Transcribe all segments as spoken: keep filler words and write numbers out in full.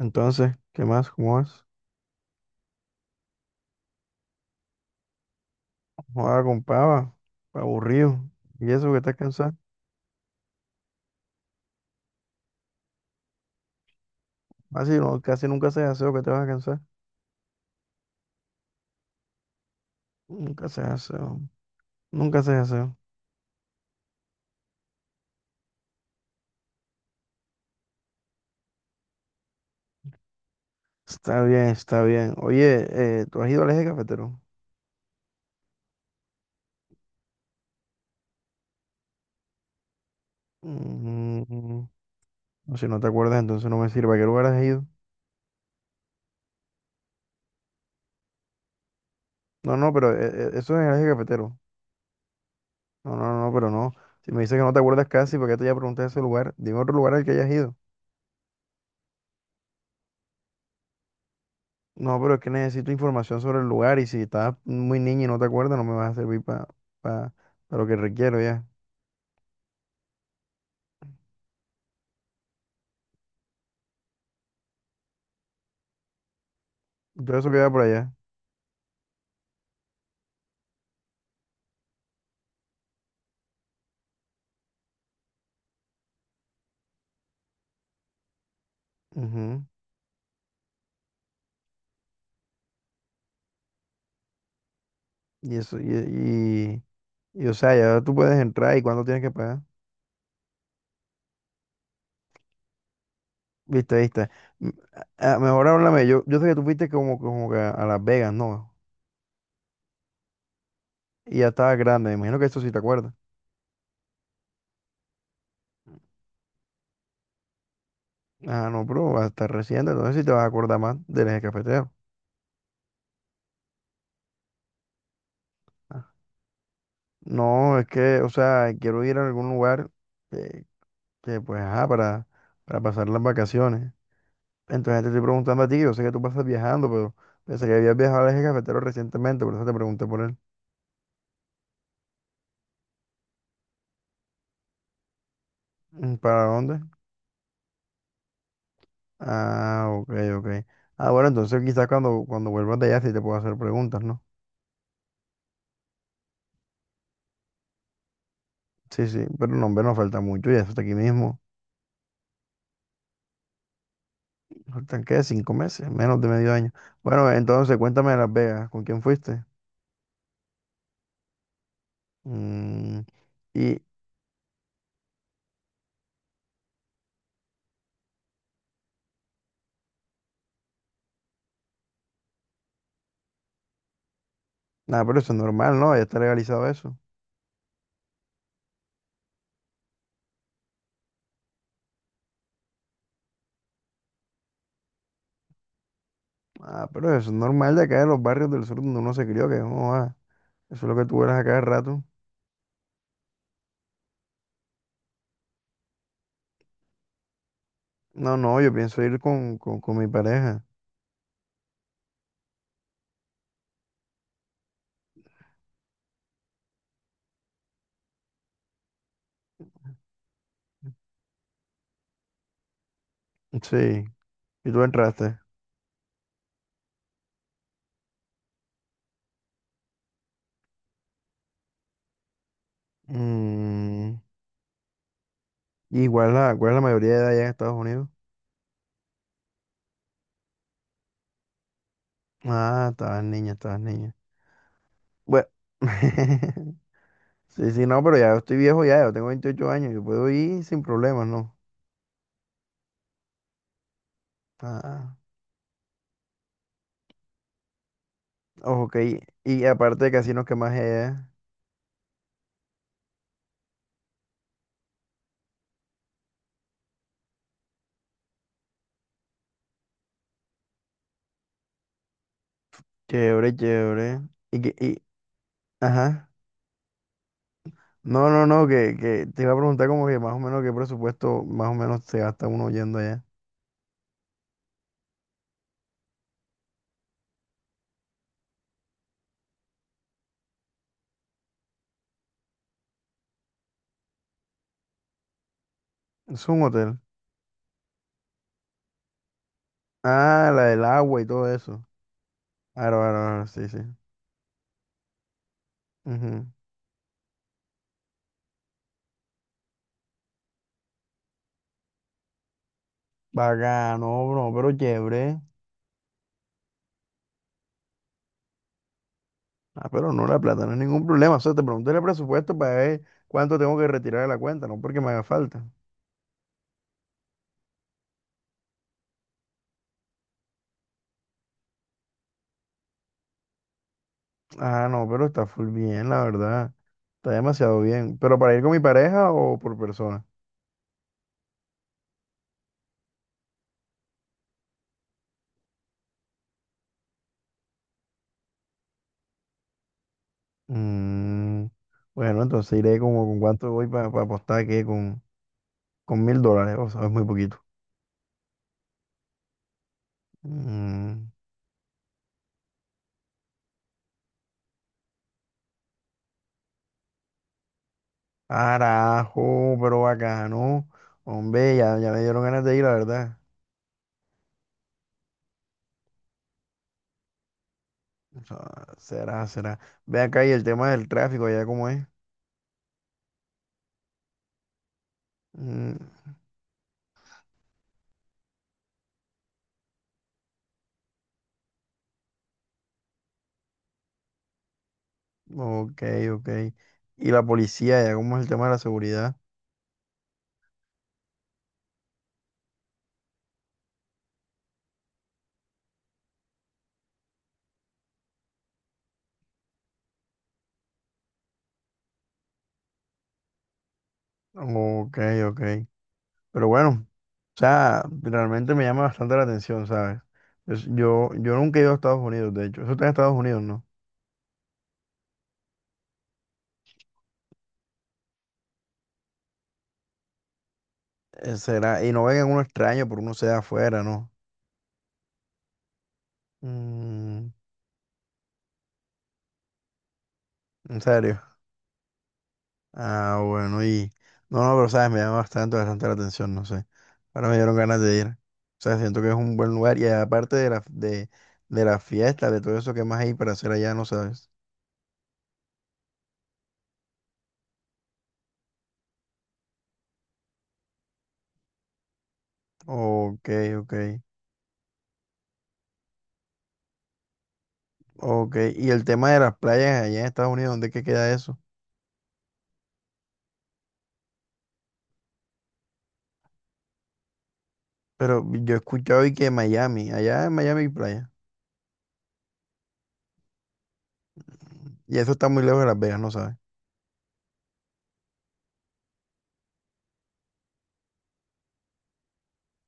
Entonces, ¿qué más? ¿Cómo vas? Joder, compa, pa- aburrido. ¿Y eso que estás cansado? Casi, no, casi nunca haces aseo, que te vas a cansar. Nunca haces aseo. Nunca haces aseo. Está bien, está bien. Oye, eh, ¿tú has ido al eje cafetero? Mm, no, si no te acuerdas, entonces no me sirve. ¿A qué lugar has ido? No, no, pero eh, eh, eso es el eje cafetero. No, no, no, pero no. Si me dices que no te acuerdas casi, porque te ya pregunté ese lugar, dime otro lugar al que hayas ido. No, pero es que necesito información sobre el lugar y si estás muy niña y no te acuerdas, no me vas a servir para pa, pa- lo que requiero ya. Todo eso queda por allá. Ujú. Y eso, y, y, y, o sea, ya tú puedes entrar y cuánto tienes que pagar. Viste, viste. M- a- a- Mejor háblame, yo, yo sé que tú fuiste como, como que a, a Las Vegas, ¿no? Y ya estaba grande, me imagino que eso sí te acuerdas. Ah, no, pero vas a estar reciente, entonces sí te vas a acordar más del eje cafetero. No, es que, o sea, quiero ir a algún lugar. eh, que pues, ajá, para, para pasar las vacaciones. Entonces te estoy preguntando a ti, yo sé que tú pasas viajando, pero pensé que habías viajado al eje cafetero recientemente, por eso te pregunté por él. Mm, ¿para dónde? Ah, ok, ok. Ah, bueno, entonces quizás cuando, cuando vuelvas de allá sí te puedo hacer preguntas, ¿no? Sí, sí, pero no, hombre, nos falta mucho, ya está aquí mismo. ¿Faltan qué? Cinco meses, menos de medio año. Bueno, entonces cuéntame de Las Vegas, ¿con quién fuiste? Mm, y nada, pero eso es normal, ¿no? Ya está legalizado eso. Ah, pero eso es normal de acá de los barrios del sur donde uno se crió, que no, ah, eso es lo que tú eras a cada rato. No, no, yo pienso ir con, con, con mi pareja. Sí, y tú entraste. Mm, igual la, ¿cuál es la mayoría de edad allá en Estados Unidos? Ah, estabas niña, estabas niña. Bueno, sí, sí, no, pero ya yo estoy viejo ya, yo tengo veintiocho años, yo puedo ir sin problemas, ¿no? Ah, ok, y aparte de casinos qué más hay allá, chévere, chévere. Y que, y, ajá. No, no, no, que, que te iba a preguntar como que más o menos qué presupuesto más o menos se gasta uno yendo allá. Es un hotel. Ah, la del agua y todo eso. Claro, claro, claro, sí, sí. Ujú. Bacano, bro, pero chévere. Ah, pero no, la plata no es ningún problema. O sea, te pregunté el presupuesto para ver cuánto tengo que retirar de la cuenta, no porque me haga falta. Ah, no, pero está full bien, la verdad. Está demasiado bien. ¿Pero para ir con mi pareja o por persona? Mm, bueno, entonces iré como con cuánto voy para apostar, ¿qué? Con... con mil dólares, o sea, es muy poquito. Mm, carajo, pero bacano. Hombre, ya, ya me dieron ganas de ir, la verdad. O sea, será, será. Ve acá y el tema del tráfico, allá cómo es. Mm, ok, ok. Y la policía, allá cómo es el tema de la seguridad. Ok, ok. Pero bueno, o sea, realmente me llama bastante la atención, ¿sabes? Es- Yo, yo nunca he ido a Estados Unidos, de hecho. Eso está en Estados Unidos, ¿no? Eh, será, ¿y no vengan uno extraño por uno sea afuera, ¿no? Mm, ¿en serio? Ah, bueno, y... no, no, pero sabes, me llama bastante, bastante la atención, no sé. Ahora me dieron ganas de ir. O sea, siento que es un buen lugar y aparte de la, de, de la fiesta, de todo eso ¿que más hay para hacer allá, no sabes? Ok, ok, ok. Y el tema de las playas allá en Estados Unidos, ¿dónde es que queda eso? Pero yo he escuchado y que Miami, allá en Miami hay playa. ¿Y eso está muy lejos de Las Vegas, no sabes?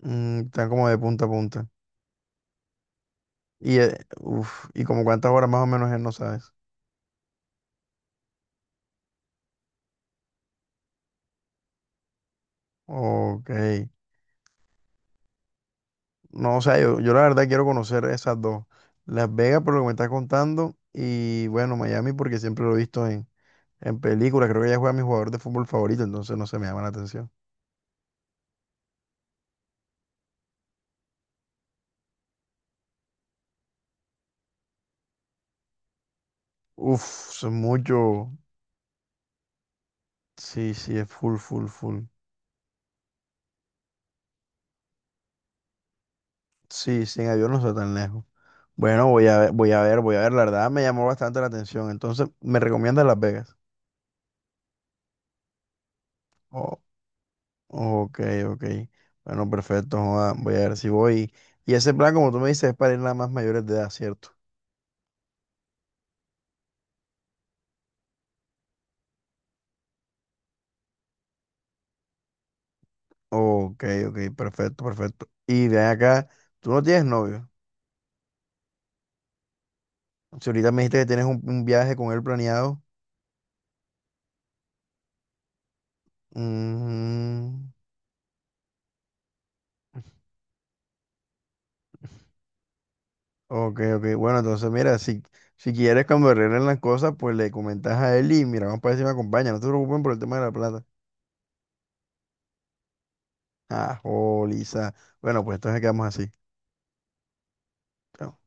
Mm, están como de punta a punta. Y, eh, uf, ¿y como cuántas horas más o menos es, no sabes? Ok. No, o sea, yo, yo la verdad quiero conocer esas dos. Las Vegas por lo que me estás contando y bueno, Miami porque siempre lo he visto en, en películas. Creo que ya juega mi jugador de fútbol favorito, entonces no se me llama la atención. Uf, eso es mucho. Sí, sí, es full, full, full. Sí, sin avión no está tan lejos. Bueno, voy a ver, voy a ver, voy a ver. La verdad me llamó bastante la atención. Entonces, ¿me recomiendas Las Vegas? Ok, ok. Bueno, perfecto. Joda, voy a ver si voy. Y ese plan, como tú me dices, es para ir nada más mayores de edad, ¿cierto? Ok, ok, perfecto, perfecto. Y ven acá, tú no tienes novio. Si ahorita me dijiste que tienes un, un viaje con él planeado. Mm, ok, ok. Bueno, entonces mira, si, si quieres cuando arreglen las cosas, pues le comentas a él y mira, vamos para ver si me acompaña. No te preocupes por el tema de la plata. Ah, joliza. Bueno, pues entonces quedamos así. Chao.